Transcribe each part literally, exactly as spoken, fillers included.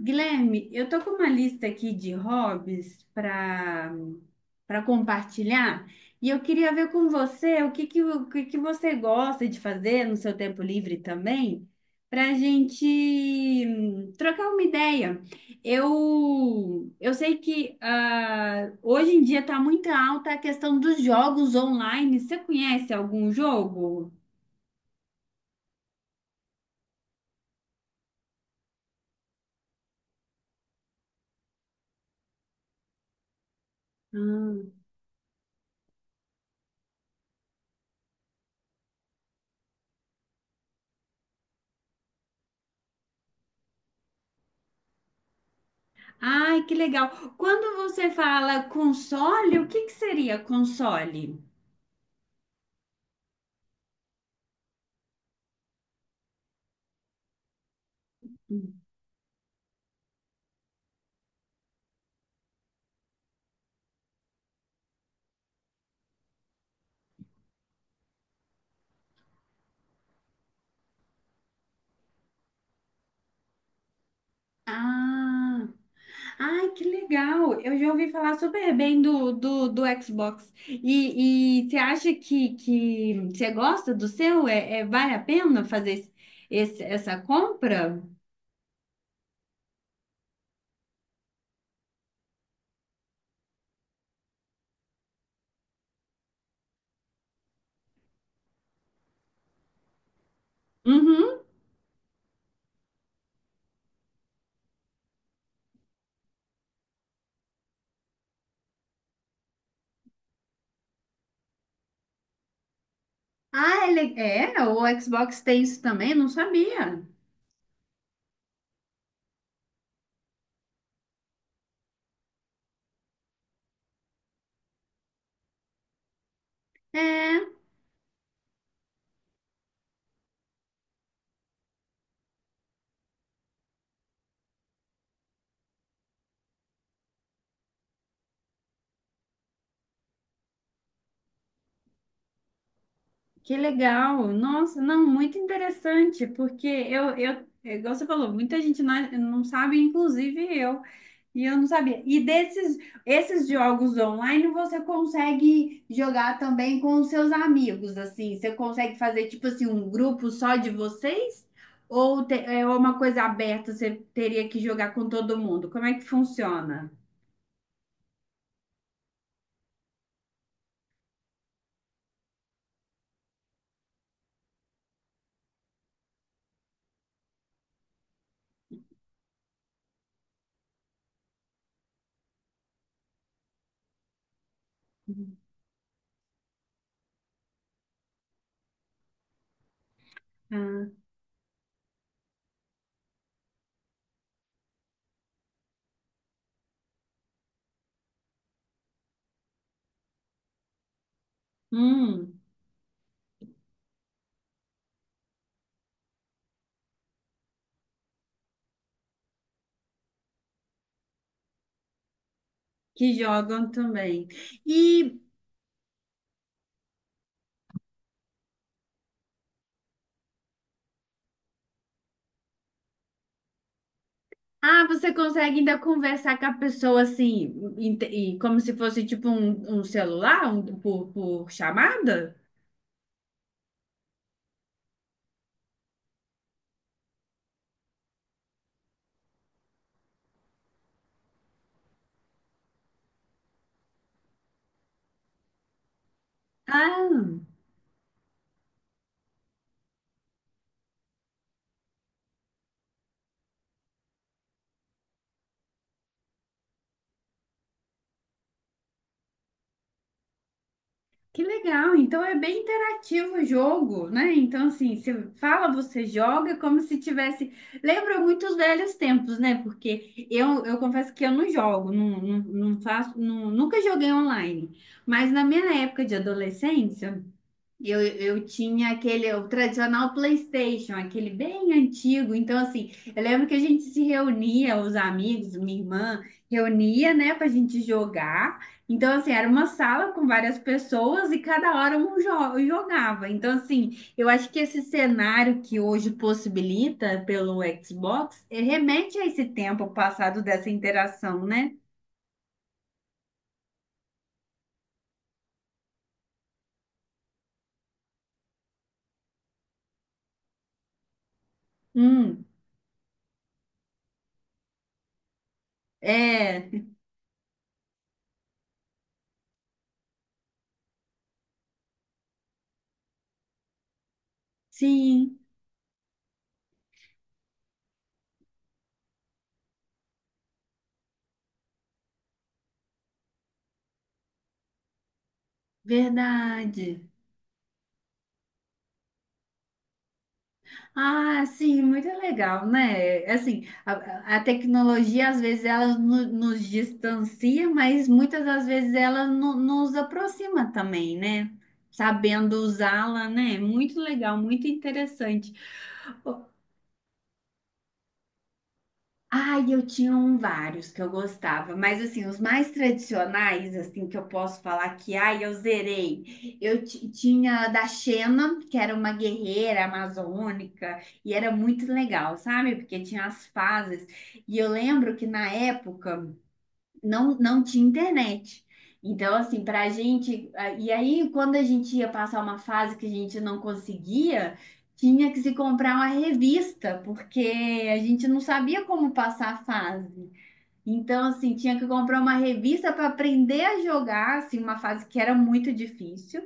Guilherme, eu tô com uma lista aqui de hobbies para para compartilhar e eu queria ver com você o que que, o que que você gosta de fazer no seu tempo livre também, para a gente hum, trocar uma ideia. Eu, eu sei que ah, hoje em dia está muito alta a questão dos jogos online. Você conhece algum jogo? Ai, que legal. Quando você fala console, o que que seria console? Ah, ai, que legal. Eu já ouvi falar super bem do, do, do Xbox. E, e você acha que, que você gosta do seu? É, é- vale a pena fazer esse- esse- essa compra? Uhum. Ah, ele, é, o Xbox tem isso também? Não sabia. É. Que legal! Nossa, não, muito interessante, porque eu, eu, é igual você falou, muita gente não, é, não sabe, inclusive eu, e eu não sabia. E desses, esses jogos online você consegue jogar também com os seus amigos, assim, você consegue fazer tipo assim um grupo só de vocês? Ou te- é uma coisa aberta, você teria que jogar com todo mundo? Como é que funciona? Ah, hum, que jogam também. E ah, você consegue ainda conversar com a pessoa assim, inte- e como se fosse tipo um, um celular, um- por, por chamada? Ah, que legal. Então é bem interativo o jogo, né? Então, assim, você fala, você joga como se tivesse. Lembra muito os velhos tempos, né? Porque eu, eu confesso que eu não jogo, não, não, não faço, não- nunca joguei online. Mas na minha época de adolescência, Eu, eu tinha aquele, o tradicional PlayStation, aquele bem antigo. Então, assim, eu lembro que a gente se reunia, os amigos, minha irmã, reunia, né, pra gente jogar. Então, assim, era uma sala com várias pessoas e cada hora um jo- jogava. Então, assim, eu acho que esse cenário que hoje possibilita pelo Xbox eh, remete a esse tempo passado dessa interação, né? Hum, é, sim, verdade. Ah, sim, muito legal, né? Assim, a, a tecnologia às vezes ela no- nos distancia, mas muitas das vezes ela no- nos aproxima também, né? Sabendo usá-la, né? Muito legal, muito interessante. Ai, eu tinha um vários que eu gostava, mas assim, os mais tradicionais, assim, que eu posso falar que, ai, eu zerei. Eu ti- tinha a da Xena, que era uma guerreira amazônica, e era muito legal, sabe? Porque tinha as fases. E eu lembro que na época não, não tinha internet. Então, assim, para a gente. a- E aí, quando a gente ia passar uma fase que a gente não conseguia, tinha que se comprar uma revista, porque a gente não sabia como passar a fase. Então, assim, tinha que comprar uma revista para aprender a jogar, assim, uma fase que era muito difícil.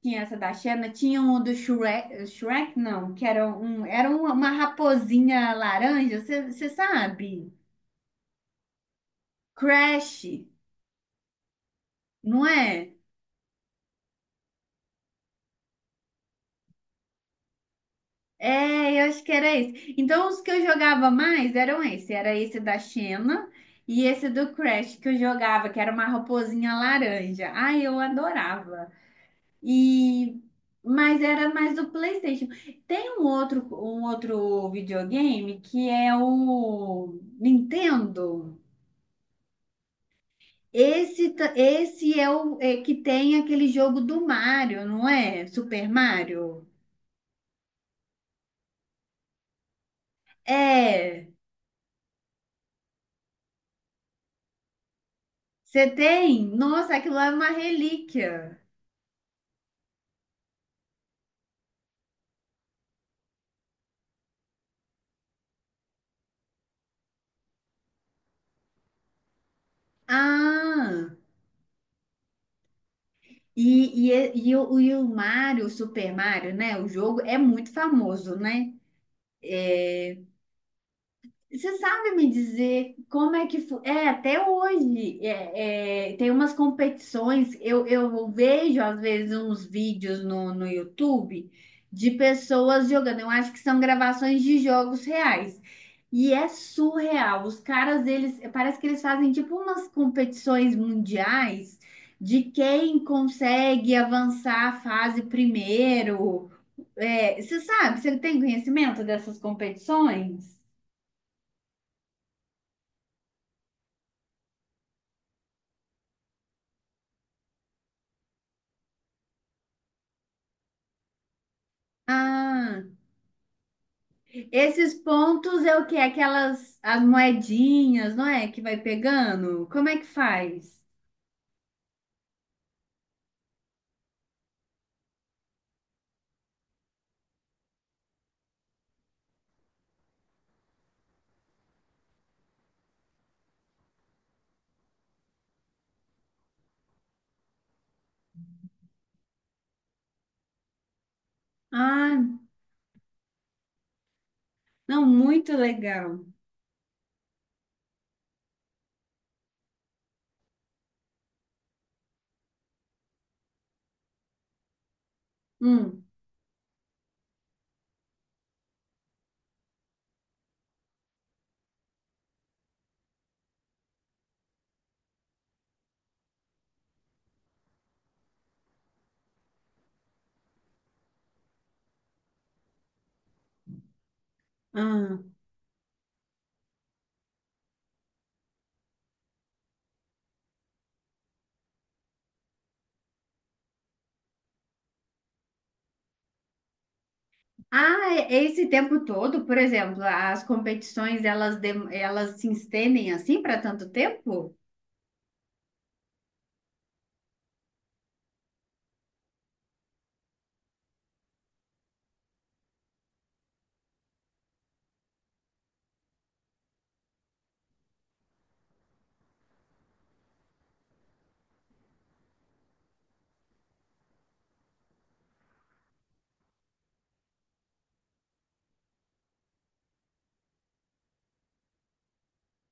Tinha essa da Xena, tinha um do Shrek, Shrek não, que era um, era uma uma raposinha laranja, você sabe? Crash, não é? É, eu acho que era esse. Então, os que eu jogava mais eram esse. Era esse da Xena e esse do Crash que eu jogava, que era uma raposinha laranja. Ai, eu adorava. E mas era mais do PlayStation. Tem um outro, um outro videogame que é o Nintendo. Esse, ta- esse é o é que tem aquele jogo do Mario, não é? Super Mario. É. Você tem? Nossa, aquilo lá é uma relíquia. Ah, e, e, e, o, e o Mario, o Super Mario, né? O jogo é muito famoso, né? Você sabe me dizer como é que foi? É, até hoje é, é, tem umas competições. Eu, eu vejo, às vezes, uns vídeos no, no YouTube de pessoas jogando. Eu acho que são gravações de jogos reais. E é surreal. Os caras, eles parece que eles fazem tipo umas competições mundiais de quem consegue avançar a fase primeiro. É, você sabe, você tem conhecimento dessas competições? Ah, esses pontos é o que? Aquelas as moedinhas, não é? Que vai pegando? Como é que faz? Ah, não, muito legal. Hum, ah. Ah, é- esse tempo todo, por exemplo, as competições elas, dem- elas se estendem assim para tanto tempo?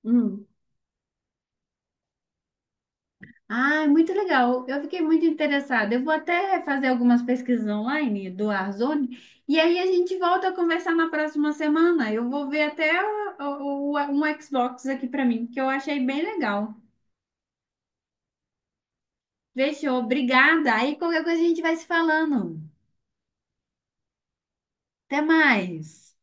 Hum. Ah, é muito legal. Eu fiquei muito interessada. Eu vou até fazer algumas pesquisas online do Arzoni e aí a gente volta a conversar na próxima semana. Eu vou ver até o- o- um Xbox aqui para mim, que eu achei bem legal. Fechou, obrigada. Aí qualquer coisa a gente vai se falando. Até mais.